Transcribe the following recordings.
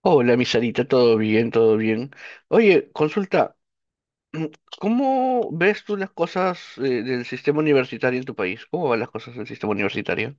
Hola, mi Sarita, todo bien, todo bien. Oye, consulta, mm, ¿cómo ves tú las cosas del sistema universitario en tu país? ¿Cómo van las cosas del sistema universitario?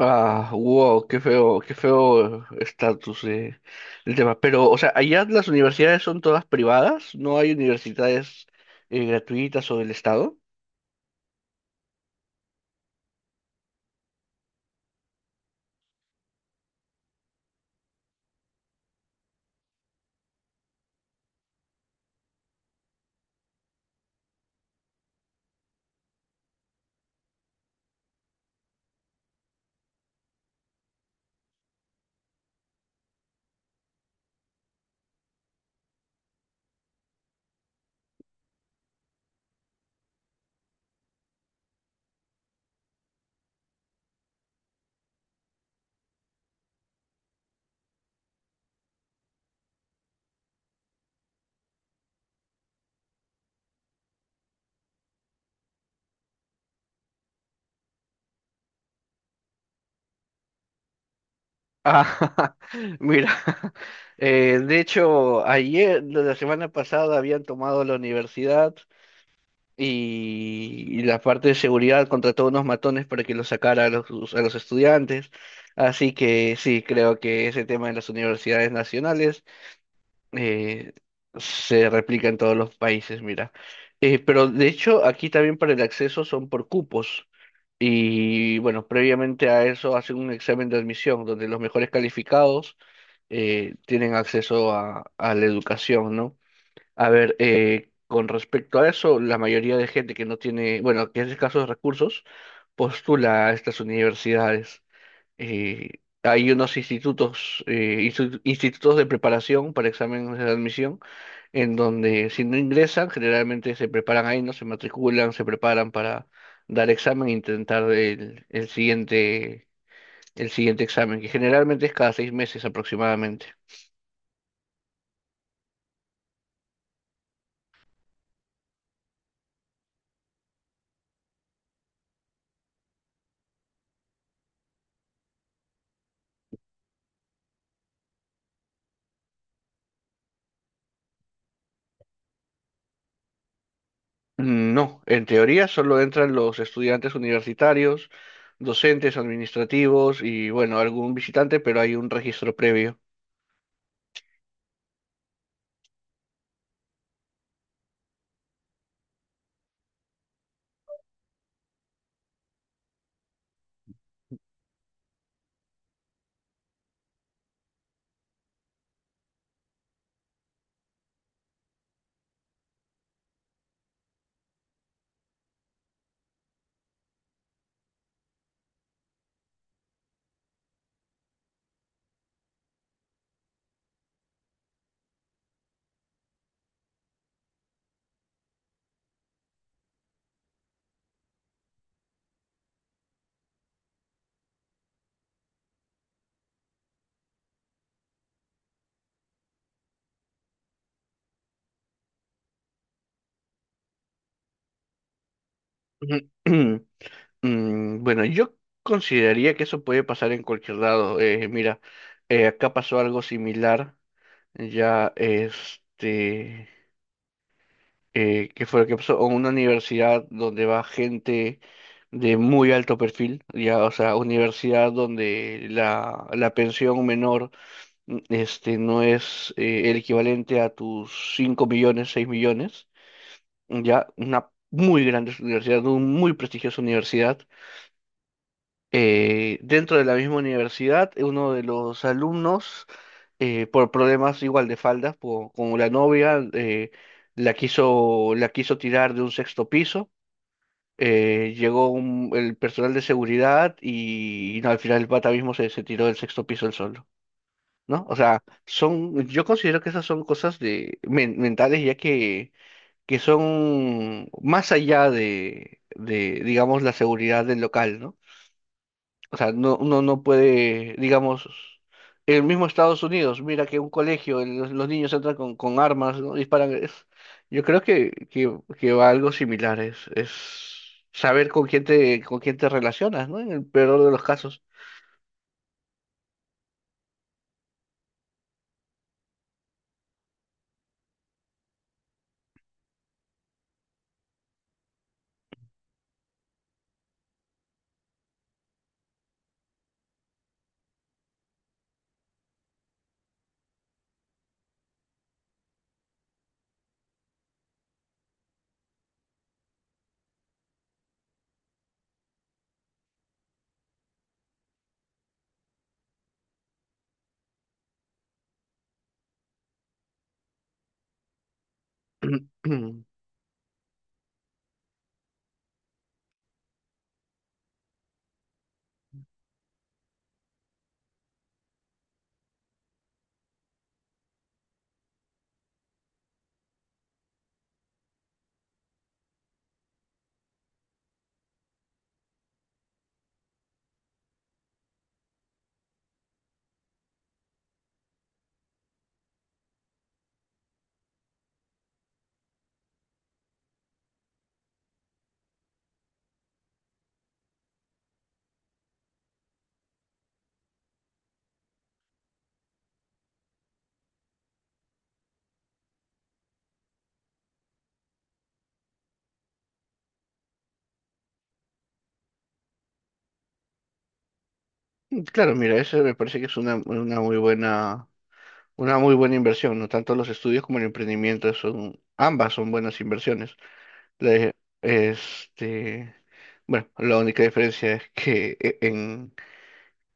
Ah, wow, qué feo estatus del tema. Pero, o sea, allá las universidades son todas privadas, no hay universidades gratuitas o del Estado. Ah, mira, de hecho, ayer, la semana pasada, habían tomado la universidad y la parte de seguridad contrató unos matones para que los sacara a los estudiantes. Así que sí, creo que ese tema en las universidades nacionales eh, se replica en todos los países, mira. Pero de hecho, aquí también para el acceso son por cupos. Y bueno, previamente a eso hacen un examen de admisión, donde los mejores calificados tienen acceso a la educación, ¿no? A ver, con respecto a eso, la mayoría de gente que no tiene, bueno, que es escaso de escasos recursos, postula a estas universidades. Eh, Hay unos institutos, institutos de preparación para exámenes de admisión en donde si no ingresan, generalmente se preparan ahí, ¿no? Se matriculan, se preparan para dar examen e intentar el siguiente examen, que generalmente es cada 6 meses aproximadamente. Mm, no, en teoría solo entran los estudiantes universitarios, docentes, administrativos y bueno, algún visitante, pero hay un registro previo. Mm, bueno, yo consideraría que eso puede pasar en cualquier lado. Mira, acá pasó algo similar ya este, que fue lo que pasó, en una universidad donde va gente de muy alto perfil, ya, o sea, universidad donde la pensión menor este, no es el equivalente a tus 5 millones, 6 millones, ya, una muy grande universidad, una muy prestigiosa universidad dentro de la misma universidad, uno de los alumnos, por problemas igual de faldas, como la novia, la quiso tirar de un sexto piso. Llegó el personal de seguridad y no, al final el pata mismo se tiró del sexto piso él solo, ¿no? O sea, yo considero que esas son cosas de, mentales ya que son más allá de, digamos, la seguridad del local, ¿no? O sea, no, uno no puede, digamos, en el mismo Estados Unidos, mira que un colegio, los niños entran con armas, ¿no? Disparan. Yo creo que, va algo similar, es saber con quién te relacionas, ¿no? En el peor de los casos. Claro, mira, eso me parece que es una muy buena inversión, ¿no? Tanto los estudios como el emprendimiento ambas son buenas inversiones. Le- este, bueno, la única diferencia es que en,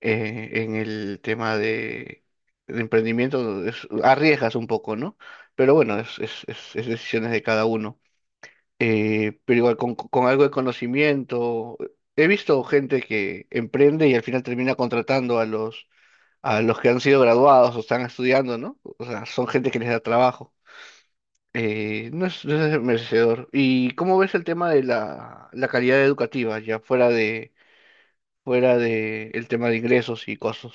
eh, en el tema de emprendimiento arriesgas un poco, ¿no? Pero bueno, es decisiones de cada uno. Pero igual con algo de conocimiento, he visto gente que emprende y al final termina contratando a los, que han sido graduados o están estudiando, ¿no? O sea, son gente que les da trabajo. No es, merecedor. ¿Y cómo ves el tema de la calidad educativa, ya fuera de el tema de ingresos y cosas?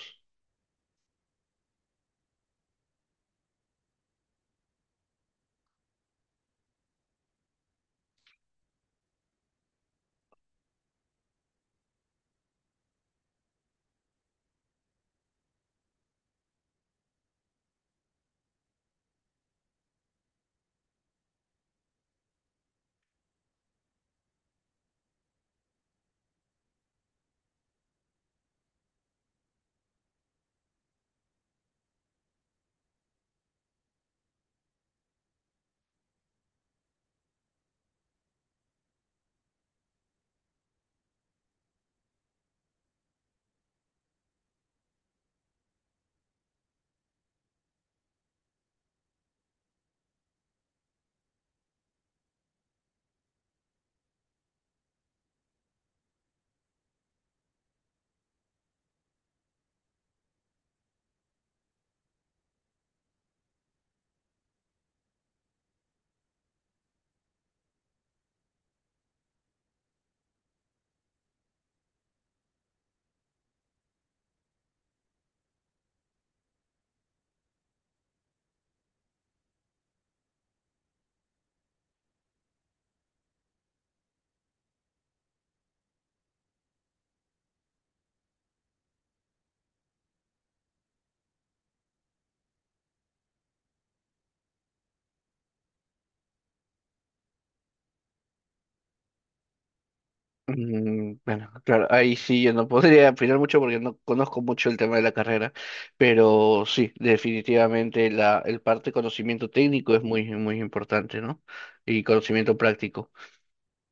Mm, bueno, claro, ahí sí yo no podría opinar mucho porque no conozco mucho el tema de la carrera, pero sí, definitivamente el parte de conocimiento técnico es muy, muy importante, ¿no? Y conocimiento práctico.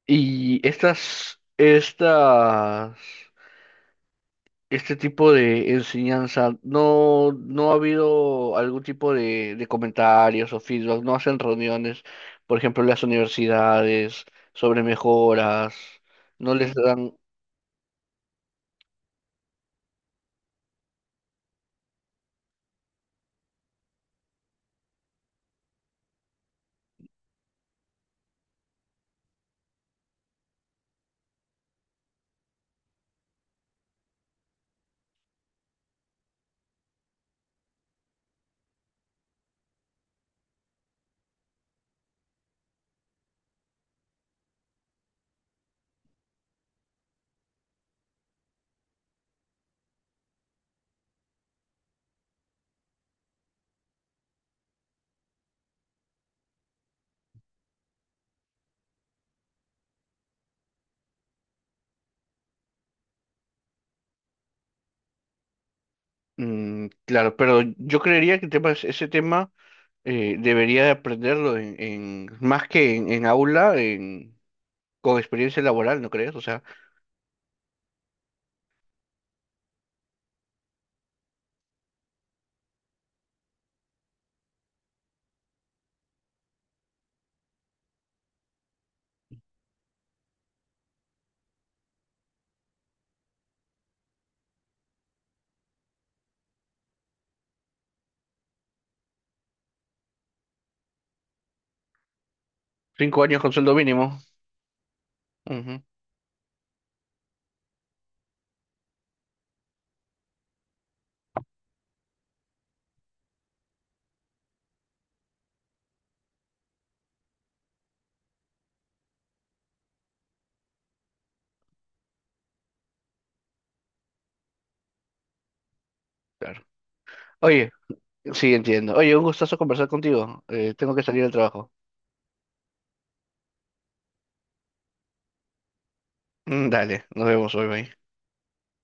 Y estas, estas este tipo de enseñanza, no ha habido algún tipo de comentarios o feedback, no hacen reuniones, por ejemplo, en las universidades, sobre mejoras, no les dan, mm, claro, pero yo creería que el tema, ese tema debería de aprenderlo más que en aula, con experiencia laboral, ¿no crees? O sea, 5 años con sueldo mínimo. Ujú, claro. Oye, sí, entiendo. Oye, un gustazo conversar contigo. Tengo que salir del trabajo. Mm, dale, nos vemos, hoy bye.